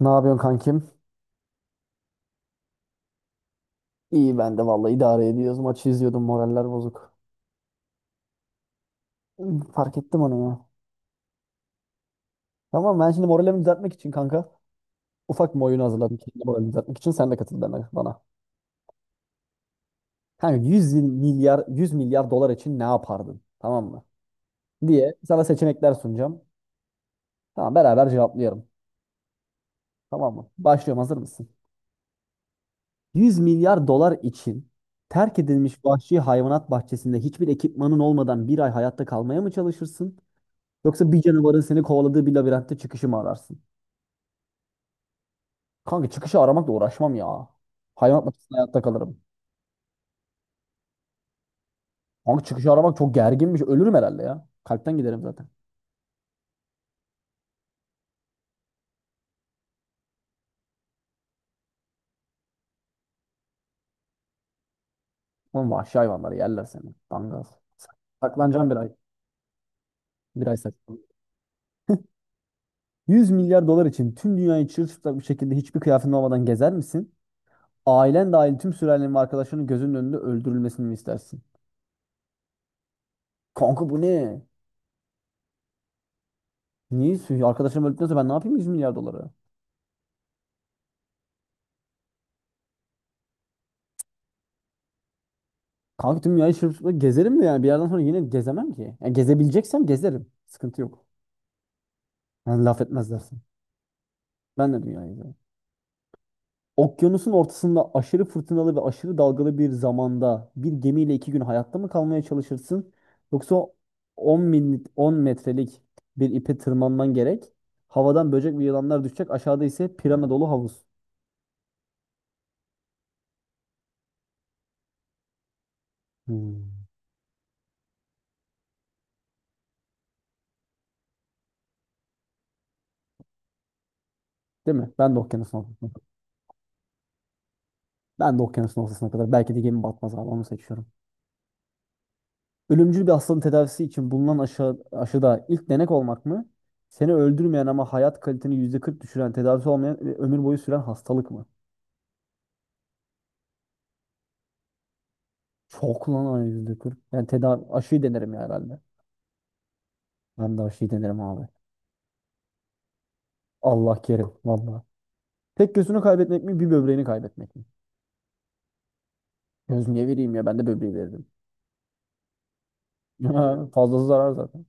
Ne yapıyorsun kankim? İyi ben de vallahi idare ediyoruz. Maçı izliyordum moraller bozuk. Fark ettim onu ya. Tamam ben şimdi moralimi düzeltmek için kanka ufak bir oyun hazırladım kendi moralimi düzeltmek için. Sen de katıl bana. Kanka 100 milyar 100 milyar dolar için ne yapardın? Tamam mı? Diye sana seçenekler sunacağım. Tamam beraber cevaplayalım. Tamam mı? Başlıyorum hazır mısın? 100 milyar dolar için terk edilmiş vahşi hayvanat bahçesinde hiçbir ekipmanın olmadan bir ay hayatta kalmaya mı çalışırsın? Yoksa bir canavarın seni kovaladığı bir labirentte çıkışı mı ararsın? Kanka çıkışı aramakla uğraşmam ya. Hayvan bahçesinde hayatta kalırım. Kanka çıkışı aramak çok gerginmiş. Ölürüm herhalde ya. Kalpten giderim zaten. Oğlum vahşi hayvanları yerler seni. Dangaz. Saklanacağım bir ay. Bir ay saklan. 100 milyar dolar için tüm dünyayı çırılçıplak bir şekilde hiçbir kıyafetin olmadan gezer misin? Ailen dahil tüm sülalenin ve arkadaşlarının gözünün önünde öldürülmesini mi istersin? Kanka bu ne? Niye? Arkadaşlarım öldükten sonra ben ne yapayım 100 milyar doları? Kanka tüm dünyayı şırfıkla gezerim mi yani? Bir yerden sonra yine gezemem ki. Yani gezebileceksem gezerim. Sıkıntı yok. Yani laf etmezlerse. Ben de dünyayı gezerim. Okyanusun ortasında aşırı fırtınalı ve aşırı dalgalı bir zamanda bir gemiyle 2 gün hayatta mı kalmaya çalışırsın? Yoksa 10 metrelik bir ipe tırmanman gerek. Havadan böcek ve yılanlar düşecek. Aşağıda ise pirana dolu havuz. Hmm. Değil mi? Ben de okyanusun ortasına. Ben de okyanusun ortasına kadar. Belki de gemi batmaz abi. Onu seçiyorum. Ölümcül bir hastalığın tedavisi için bulunan aşıda ilk denek olmak mı? Seni öldürmeyen ama hayat kaliteni %40 düşüren, tedavisi olmayan ve ömür boyu süren hastalık mı? Çok lan ay %40. Yani aşıyı denerim ya herhalde. Ben de aşıyı denerim abi. Allah kerim valla. Tek gözünü kaybetmek mi bir böbreğini kaybetmek mi? Göz niye vereyim ya ben de böbreği veririm. Fazlası zarar zaten.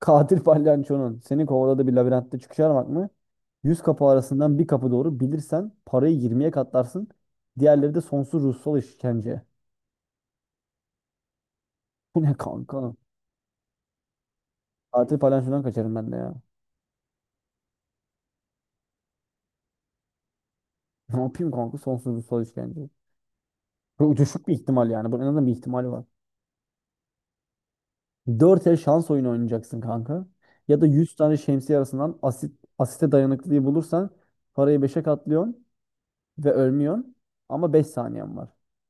Katil palyaçonun seni kovaladığı bir labirentte çıkış aramak mı? 100 kapı arasından bir kapı doğru bilirsen parayı yirmiye katlarsın. Diğerleri de sonsuz ruhsal işkence. Bu ne kanka? Katil palyaçodan kaçarım ben de ya. Ne yapayım kanka sonsuz ruhsal işkence. Bu düşük bir ihtimal yani. Bunun en azından bir ihtimali var. 4 el şans oyunu oynayacaksın kanka. Ya da 100 tane şemsiye arasından asite dayanıklılığı bulursan parayı beşe katlıyorsun ve ölmüyorsun. Ama 5 saniyen var.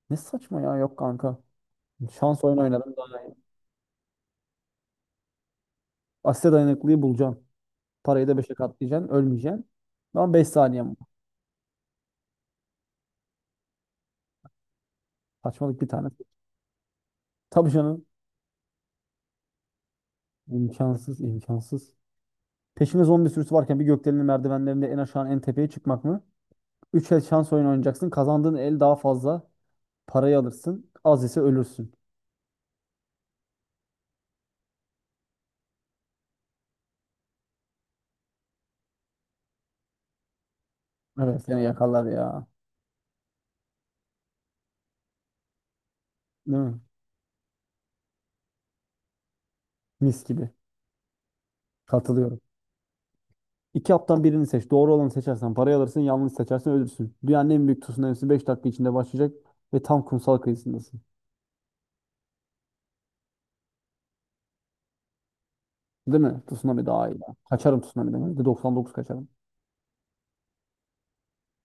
Ne saçma ya yok kanka. Şans oyunu oynarım daha iyi. Asite dayanıklıyı bulacaksın. Parayı da beşe katlayacaksın. Ölmeyeceksin. Ama 5 saniyem var. Saçmalık bir tane. Tabii canım. İmkansız, imkansız. Peşine zombi sürüsü varken bir gökdelenin merdivenlerinde en aşağı en tepeye çıkmak mı? 3 el şans oyunu oynayacaksın. Kazandığın el daha fazla parayı alırsın. Az ise ölürsün. Evet seni yakarlar ya. Değil mi? Mis gibi. Katılıyorum. İki haptan birini seç. Doğru olanı seçersen parayı alırsın. Yanlış seçersen ölürsün. Dünyanın en büyük tsunamisi 5 dakika içinde başlayacak ve tam kumsal kıyısındasın. Değil mi? Tsunami daha iyi ya. Kaçarım tsunami'den. %99 kaçarım.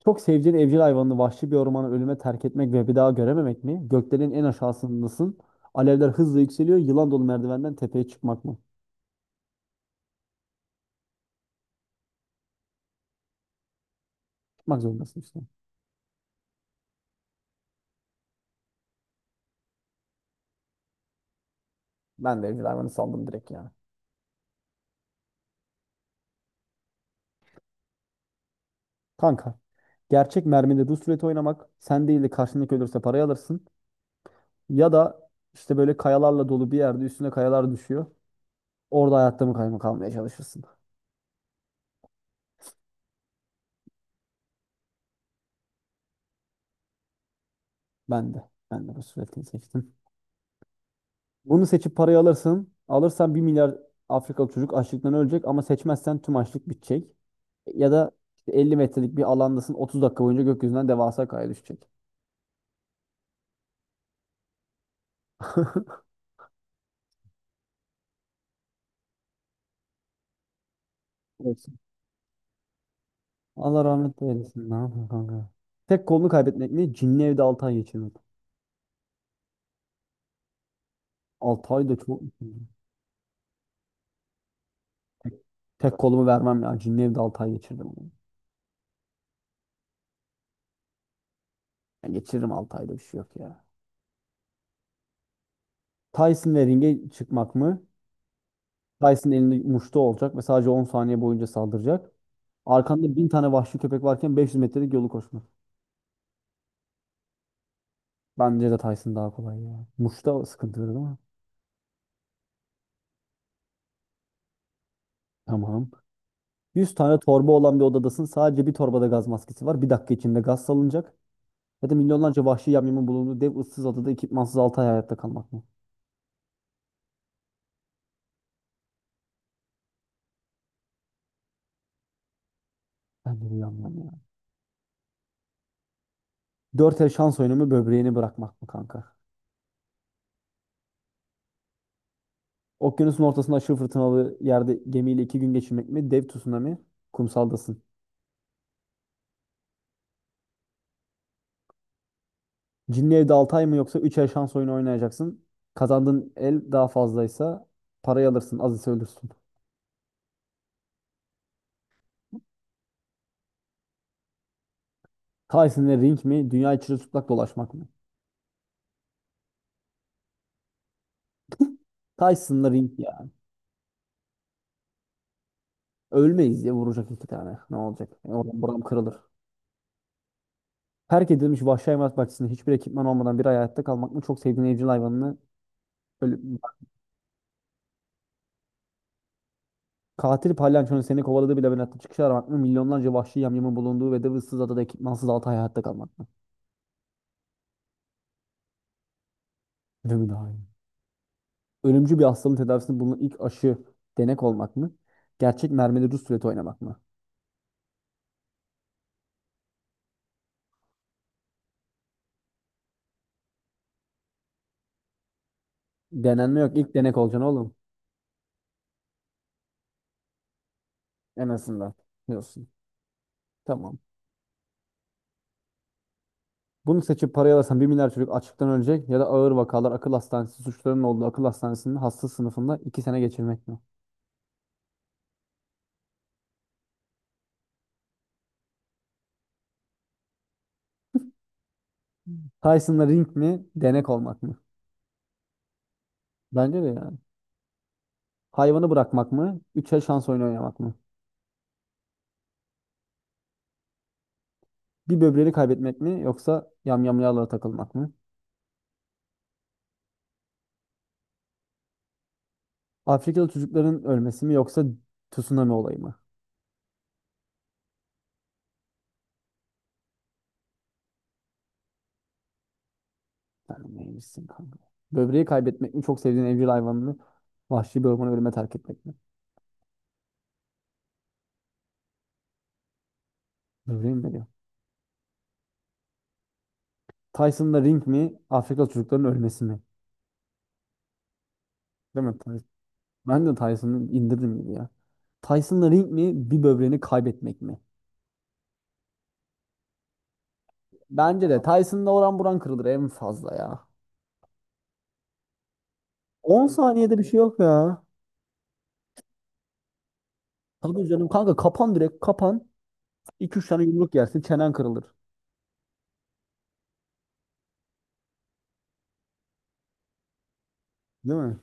Çok sevdiğin evcil hayvanını vahşi bir ormana ölüme terk etmek ve bir daha görememek mi? Göklerin en aşağısındasın. Alevler hızla yükseliyor. Yılan dolu merdivenden tepeye çıkmak mı? Çıkmak zorundasın işte. Ben de evcil hayvanı saldım direkt ya. Kanka. Gerçek mermide rulet oynamak. Sen değil de karşındaki ölürse parayı alırsın. Ya da işte böyle kayalarla dolu bir yerde üstüne kayalar düşüyor. Orada hayatta mı kalmaya çalışırsın. Ben de. Ben de ruletini seçtim. Bunu seçip parayı alırsın. Alırsan 1 milyar Afrikalı çocuk açlıktan ölecek ama seçmezsen tüm açlık bitecek. Ya da işte 50 metrelik bir alandasın 30 dakika boyunca gökyüzünden devasa kaya düşecek. Olsun. Allah rahmet eylesin. Ne yapayım kanka? Tek kolunu kaybetmek mi? Cinli evde 6 ay geçirmek. 6 ay da çok. Tek, tek kolumu vermem ya. Cinli evde 6 ay geçirdim. Ben geçiririm 6 ayda bir şey yok ya. Tyson ve ringe çıkmak mı? Dyson elinde muşta olacak ve sadece 10 saniye boyunca saldıracak. Arkanda 1.000 tane vahşi köpek varken 500 metrelik yolu koşmak. Bence de Tyson daha kolay ya. Muşta sıkıntı değil mi? Tamam. 100 tane torba olan bir odadasın. Sadece bir torbada gaz maskesi var. Bir dakika içinde gaz salınacak. Ya da milyonlarca vahşi yamyamın bulunduğu dev ıssız adada ekipmansız 6 ay hayatta kalmak mı? Ben de bu yamyam ya. 4 el şans oyunu mu böbreğini bırakmak mı kanka? Okyanusun ortasında aşırı fırtınalı yerde gemiyle 2 gün geçirmek mi? Dev tsunami kumsaldasın. Cinli evde 6 ay mı yoksa 3 ay şans oyunu oynayacaksın. Kazandığın el daha fazlaysa parayı alırsın az ise ölürsün. Tyson'la ring mi? Dünya çırılçıplak dolaşmak mı? Tyson'la ring ya. Ölmeyiz diye vuracak iki tane. Ne olacak? E, oradan buram kırılır. Terk edilmiş vahşi hayvanat bahçesinde hiçbir ekipman olmadan bir ay hayatta kalmak mı? Çok sevdiğin evcil hayvanını ölü- Katil palyaçonun seni kovaladığı bir labirentte çıkış aramak mı? Milyonlarca vahşi yamyamın bulunduğu ve de ıssız adada ekipmansız 6 ay hayatta kalmak mı? Değil mi daha iyi? Ölümcül bir hastalığın tedavisinde bulunan ilk aşı denek olmak mı? Gerçek mermili Rus ruleti oynamak mı? Denenme yok. İlk denek olacaksın oğlum. En azından. Diyorsun. Tamam. Bunu seçip parayı alırsan 1 milyar çocuk açlıktan ölecek ya da ağır vakalar akıl hastanesi suçlarının olduğu akıl hastanesinin hasta sınıfında 2 sene geçirmek mi? Tyson'la ring mi? Denek olmak mı? Bence de yani. Hayvanı bırakmak mı? Üçer şans oyunu oynamak mı? Bir böbreğini kaybetmek mi? Yoksa yamyamyalara takılmak mı? Afrikalı çocukların ölmesi mi? Yoksa tsunami olayı mı? Vermeymişsin kanka. Böbreği kaybetmek mi? Çok sevdiğin evcil hayvanını vahşi bir ormana ölüme terk etmek mi? Böbreği mi veriyor? Tyson'da ring mi? Afrika çocuklarının ölmesi mi? Değil mi? Tyson? Ben de Tyson'ı indirdim gibi ya. Tyson'da ring mi? Bir böbreğini kaybetmek mi? Bence de Tyson'da oran buran kırılır en fazla ya. 10 saniyede bir şey yok ya. Tabii canım kanka kapan direkt kapan. İki üç tane yumruk yersin çenen kırılır. Değil mi?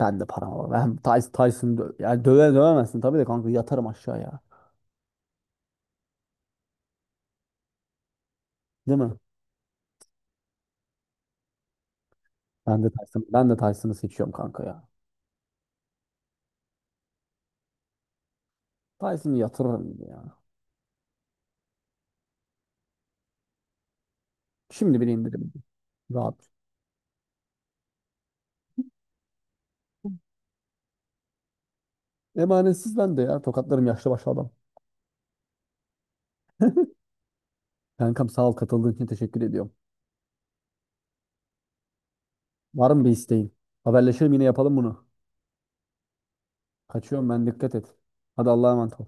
Ben de param var. Ben Tyson'ı yani döve dövemezsin tabii de kanka yatarım aşağıya. Değil mi? Ben de Tyson'ı seçiyorum kanka ya. Tyson'ı yatırırım ya. Şimdi bile indiririm. Rahat. Emanetsiz ben de ya. Tokatlarım yaşlı başlı adam. Kankam sağ ol katıldığın için teşekkür ediyorum. Var mı bir isteğin? Haberleşelim yine yapalım bunu. Kaçıyorum ben dikkat et. Hadi Allah'a emanet ol.